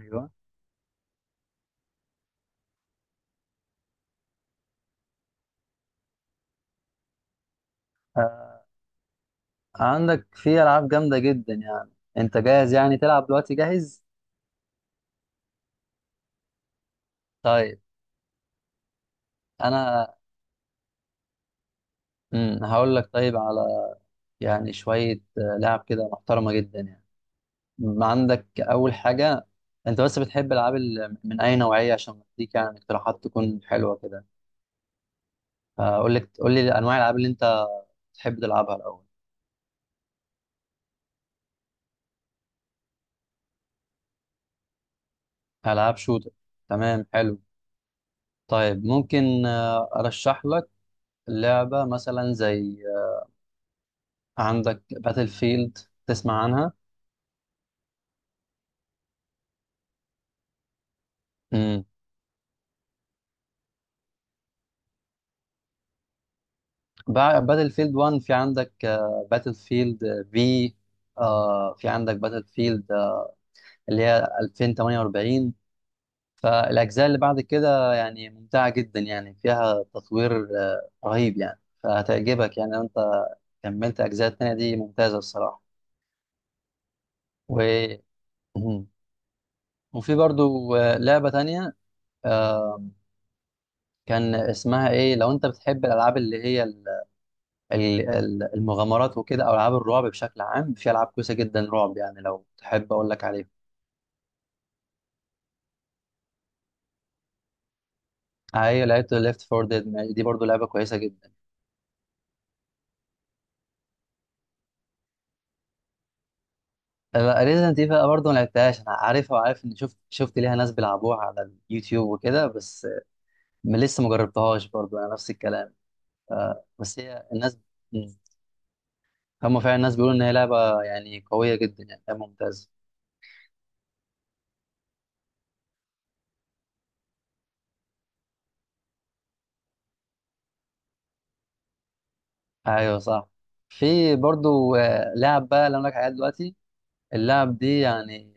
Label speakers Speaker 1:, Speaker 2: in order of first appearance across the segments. Speaker 1: ايوه. آه عندك في العاب جامده جدا يعني. انت جاهز يعني تلعب دلوقتي؟ جاهز؟ طيب انا هقول لك. طيب على يعني شويه لعب كده محترمه جدا يعني. عندك اول حاجه، انت بس بتحب العاب من اي نوعيه عشان اديك يعني اقتراحات تكون حلوه كده؟ اقول لك، قول لي انواع الالعاب اللي انت بتحب تلعبها الاول. العاب شوتر، تمام حلو. طيب ممكن ارشح لك لعبه مثلا زي، عندك باتل فيلد، تسمع عنها؟ امم باتل فيلد 1 في عندك باتل فيلد، في، في عندك باتل فيلد اللي هي 2048، فالاجزاء اللي بعد كده يعني ممتعه جدا يعني فيها تطوير رهيب يعني، فهتعجبك يعني لو انت كملت اجزاء التانية دي، ممتازه الصراحه. و مم. وفي برضو لعبه تانية آه، كان اسمها ايه، لو انت بتحب الالعاب اللي هي المغامرات وكده، او العاب الرعب بشكل عام، في العاب كويسه جدا رعب يعني، لو تحب اقول لك عليها. هي لعبت ليفت فور ديد، دي برضو لعبه كويسه جدا. ريزنت ايفل برضه ما لعبتهاش، انا عارفها وعارف ان شفت ليها ناس بيلعبوها على اليوتيوب وكده، بس لسه ما جربتهاش برضه، انا نفس الكلام. بس هي الناس، مم. هم فعلا الناس بيقولوا ان هي لعبه يعني قويه جدا، يعني لعبة ممتازه. ايوه صح. في برضه لعب بقى اللي انا لك عليها دلوقتي، اللعب دي يعني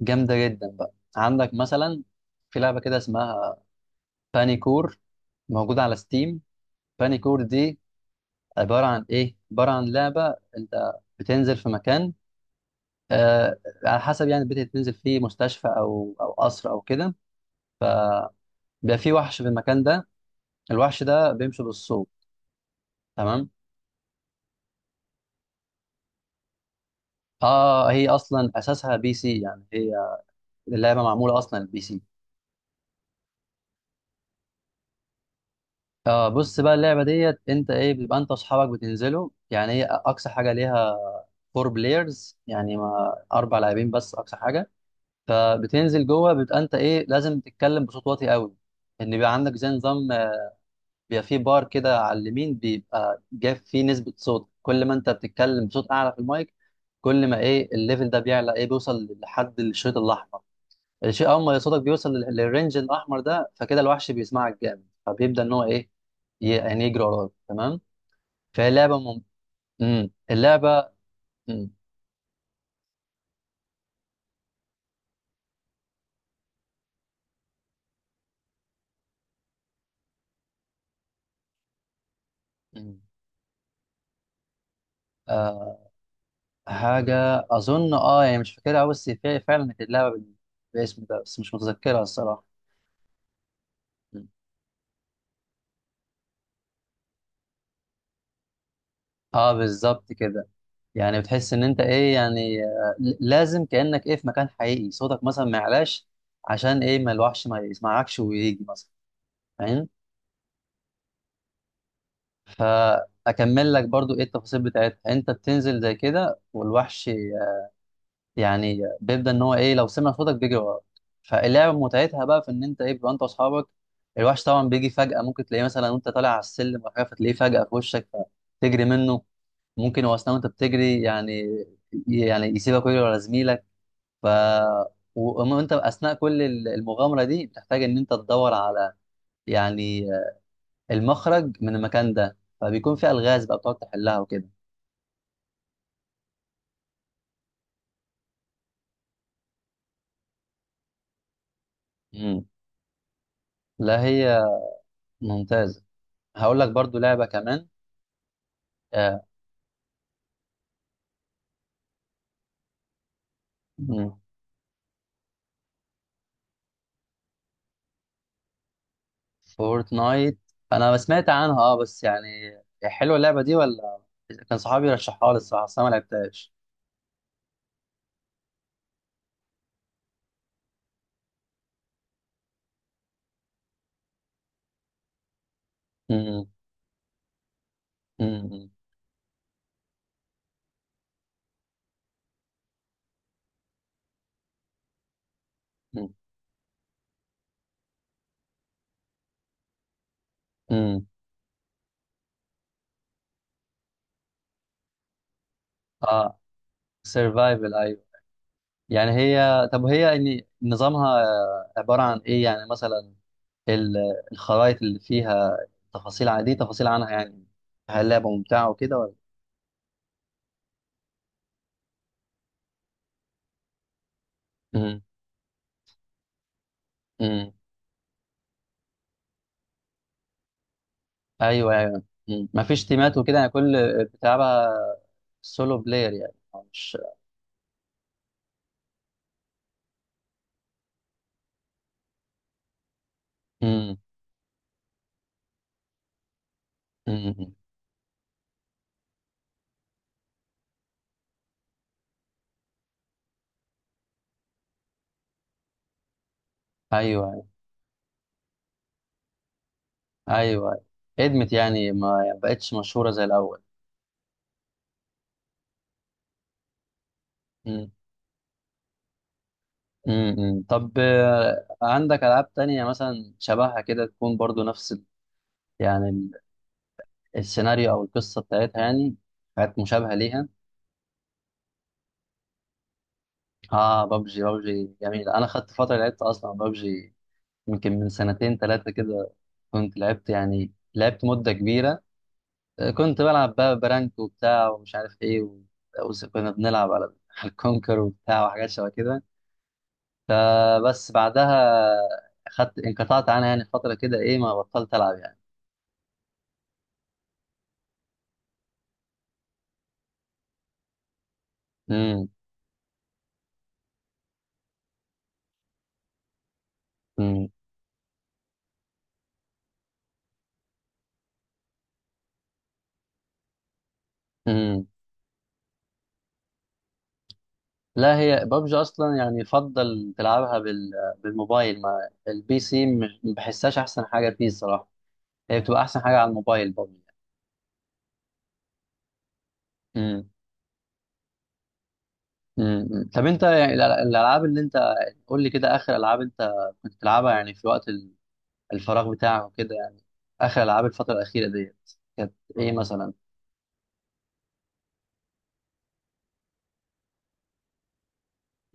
Speaker 1: جامده جدا بقى. عندك مثلا في لعبه كده اسمها بانيكور، موجوده على ستيم. بانيكور دي عباره عن ايه؟ عباره عن لعبه انت بتنزل في مكان، آه على حسب يعني البيت اللي بتنزل فيه، مستشفى او او قصر او كده، فبيبقى في وحش في المكان ده، الوحش ده بيمشي بالصوت. تمام. اه، هي اصلا اساسها بي سي، يعني هي اللعبه معموله اصلا البي سي. اه بص بقى، اللعبه ديت انت ايه، بتبقى انت واصحابك بتنزلوا، يعني هي اقصى حاجه ليها فور بلايرز، يعني ما اربع لاعبين بس اقصى حاجه. فبتنزل جوه، بيبقى انت ايه لازم تتكلم بصوت واطي قوي. ان بيبقى عندك زي نظام بيبقى فيه بار كده على اليمين، بيبقى جاب فيه نسبه صوت، كل ما انت بتتكلم بصوت اعلى في المايك كل ما ايه الليفل ده بيعلى، ايه، بيوصل لحد الشريط الاحمر، الشيء اول ما صوتك بيوصل للرينج الاحمر ده فكده الوحش بيسمعك جامد، فبيبدا ان هو ايه يعني يجري وراك. تمام. فهي لعبه اللعبه. مم. مم. آه. حاجة أظن أه يعني مش فاكرها أوي، بس فعلا كانت اللعبة بالاسم ده، بس مش متذكرها الصراحة. أه بالظبط كده، يعني بتحس إن أنت إيه، يعني لازم كأنك إيه في مكان حقيقي، صوتك مثلا ما يعلاش، عشان إيه ما الوحش ما يسمعكش ويجي مثلا، فاهم؟ فأكمل لك برضو إيه التفاصيل بتاعتها. أنت بتنزل زي كده، والوحش يعني بيبدا ان هو ايه لو سمع صوتك بيجري وراك. فاللعبه متعتها بقى في ان انت ايه، بيبقى انت واصحابك، الوحش طبعا بيجي فجاه، ممكن تلاقيه مثلا وانت طالع على السلم ولا حاجه، فتلاقيه فجاه في وشك فتجري منه، ممكن هو اثناء وانت بتجري يعني يعني يسيبك ويجري ورا زميلك. ف وانت اثناء كل المغامره دي بتحتاج ان انت تدور على يعني المخرج من المكان ده، فبيكون في الغاز بقى بتقعد تحلها وكده. مم. لا هي ممتازه. هقول لك برضو لعبه كمان. آه. مم. فورتنايت، انا سمعت عنها اه، بس يعني هي حلوه اللعبه دي ولا؟ كان صحابي رشحها لي الصراحه، بس انا ما لعبتهاش. امم امم امم أمم. اه سيرفايفل، ايوه. يعني هي، طب هي ان نظامها عباره عن ايه يعني؟ مثلا ال- الخرائط اللي فيها تفاصيل عن دي، تفاصيل عنها يعني، هل اللعبه ممتعه وكده ولا؟ امم امم ايوه ايوه. أمم. مفيش تيمات وكده يعني، كل بتلعبها سولو بلاير يعني؟ مش امم ايوه ايوه. ادمت يعني، ما بقتش مشهوره زي الاول. امم طب عندك العاب تانية مثلا شبهها كده، تكون برضو نفس يعني السيناريو او القصه بتاعتها يعني، حاجات مشابهه ليها؟ اه بابجي، بابجي جميل. انا خدت فتره لعبت اصلا بابجي يمكن من سنتين ثلاثه كده، كنت لعبت يعني لعبت مده كبيره كنت بلعب بقى برانك وبتاع ومش عارف ايه و... وكنا بنلعب على على الكونكر وبتاع وحاجات شبه كده، فبس بعدها انقطعت عنها يعني فترة كده، ايه، ما بطلت العب يعني. امم امم امم لا هي ببجي اصلا يعني يفضل تلعبها بالموبايل، ما البي سي ما بحسهاش احسن حاجة فيه الصراحة، هي بتبقى احسن حاجة على الموبايل ببجي. امم طب انت يعني الالعاب اللي انت، قول لي كده اخر العاب انت كنت بتلعبها يعني في وقت الفراغ بتاعك وكده يعني، اخر العاب الفترة الأخيرة ديت كانت ايه مثلا؟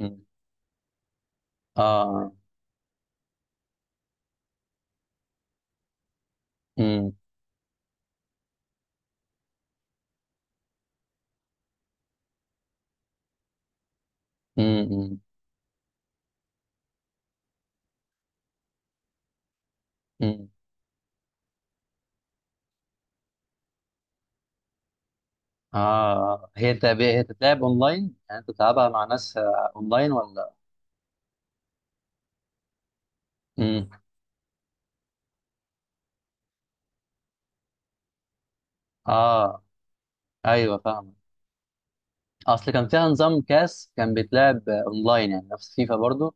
Speaker 1: امم اه امم مم. اه هي انت، هي تتلعب اونلاين؟ يعني انت بتلعبها مع ناس اونلاين ولا؟ امم اه ايوه فاهم. اصل كان فيها نظام كاس كان بيتلعب اونلاين، يعني نفس فيفا برضو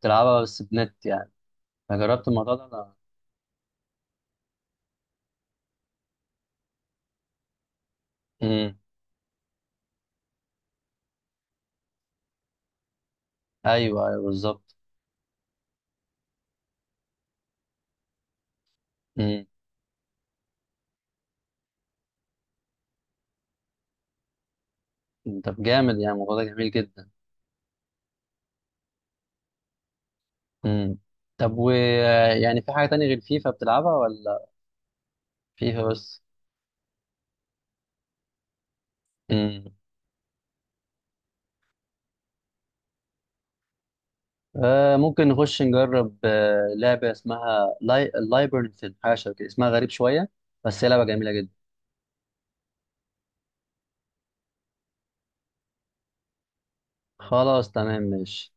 Speaker 1: تلعبها بس بنت يعني، فجربت الموضوع ده انا. امم ايوه ايوه بالظبط. امم طب جامد يعني، الموضوع ده جميل جدا. امم طب و يعني في حاجة تانية غير فيفا بتلعبها ولا فيفا بس؟ امم آه ممكن نخش نجرب آه لعبة اسمها لايبرنث، حاجة شبه كده، اسمها غريب شوية، بس هي لعبة جميلة جدا. خلاص تمام ماشي.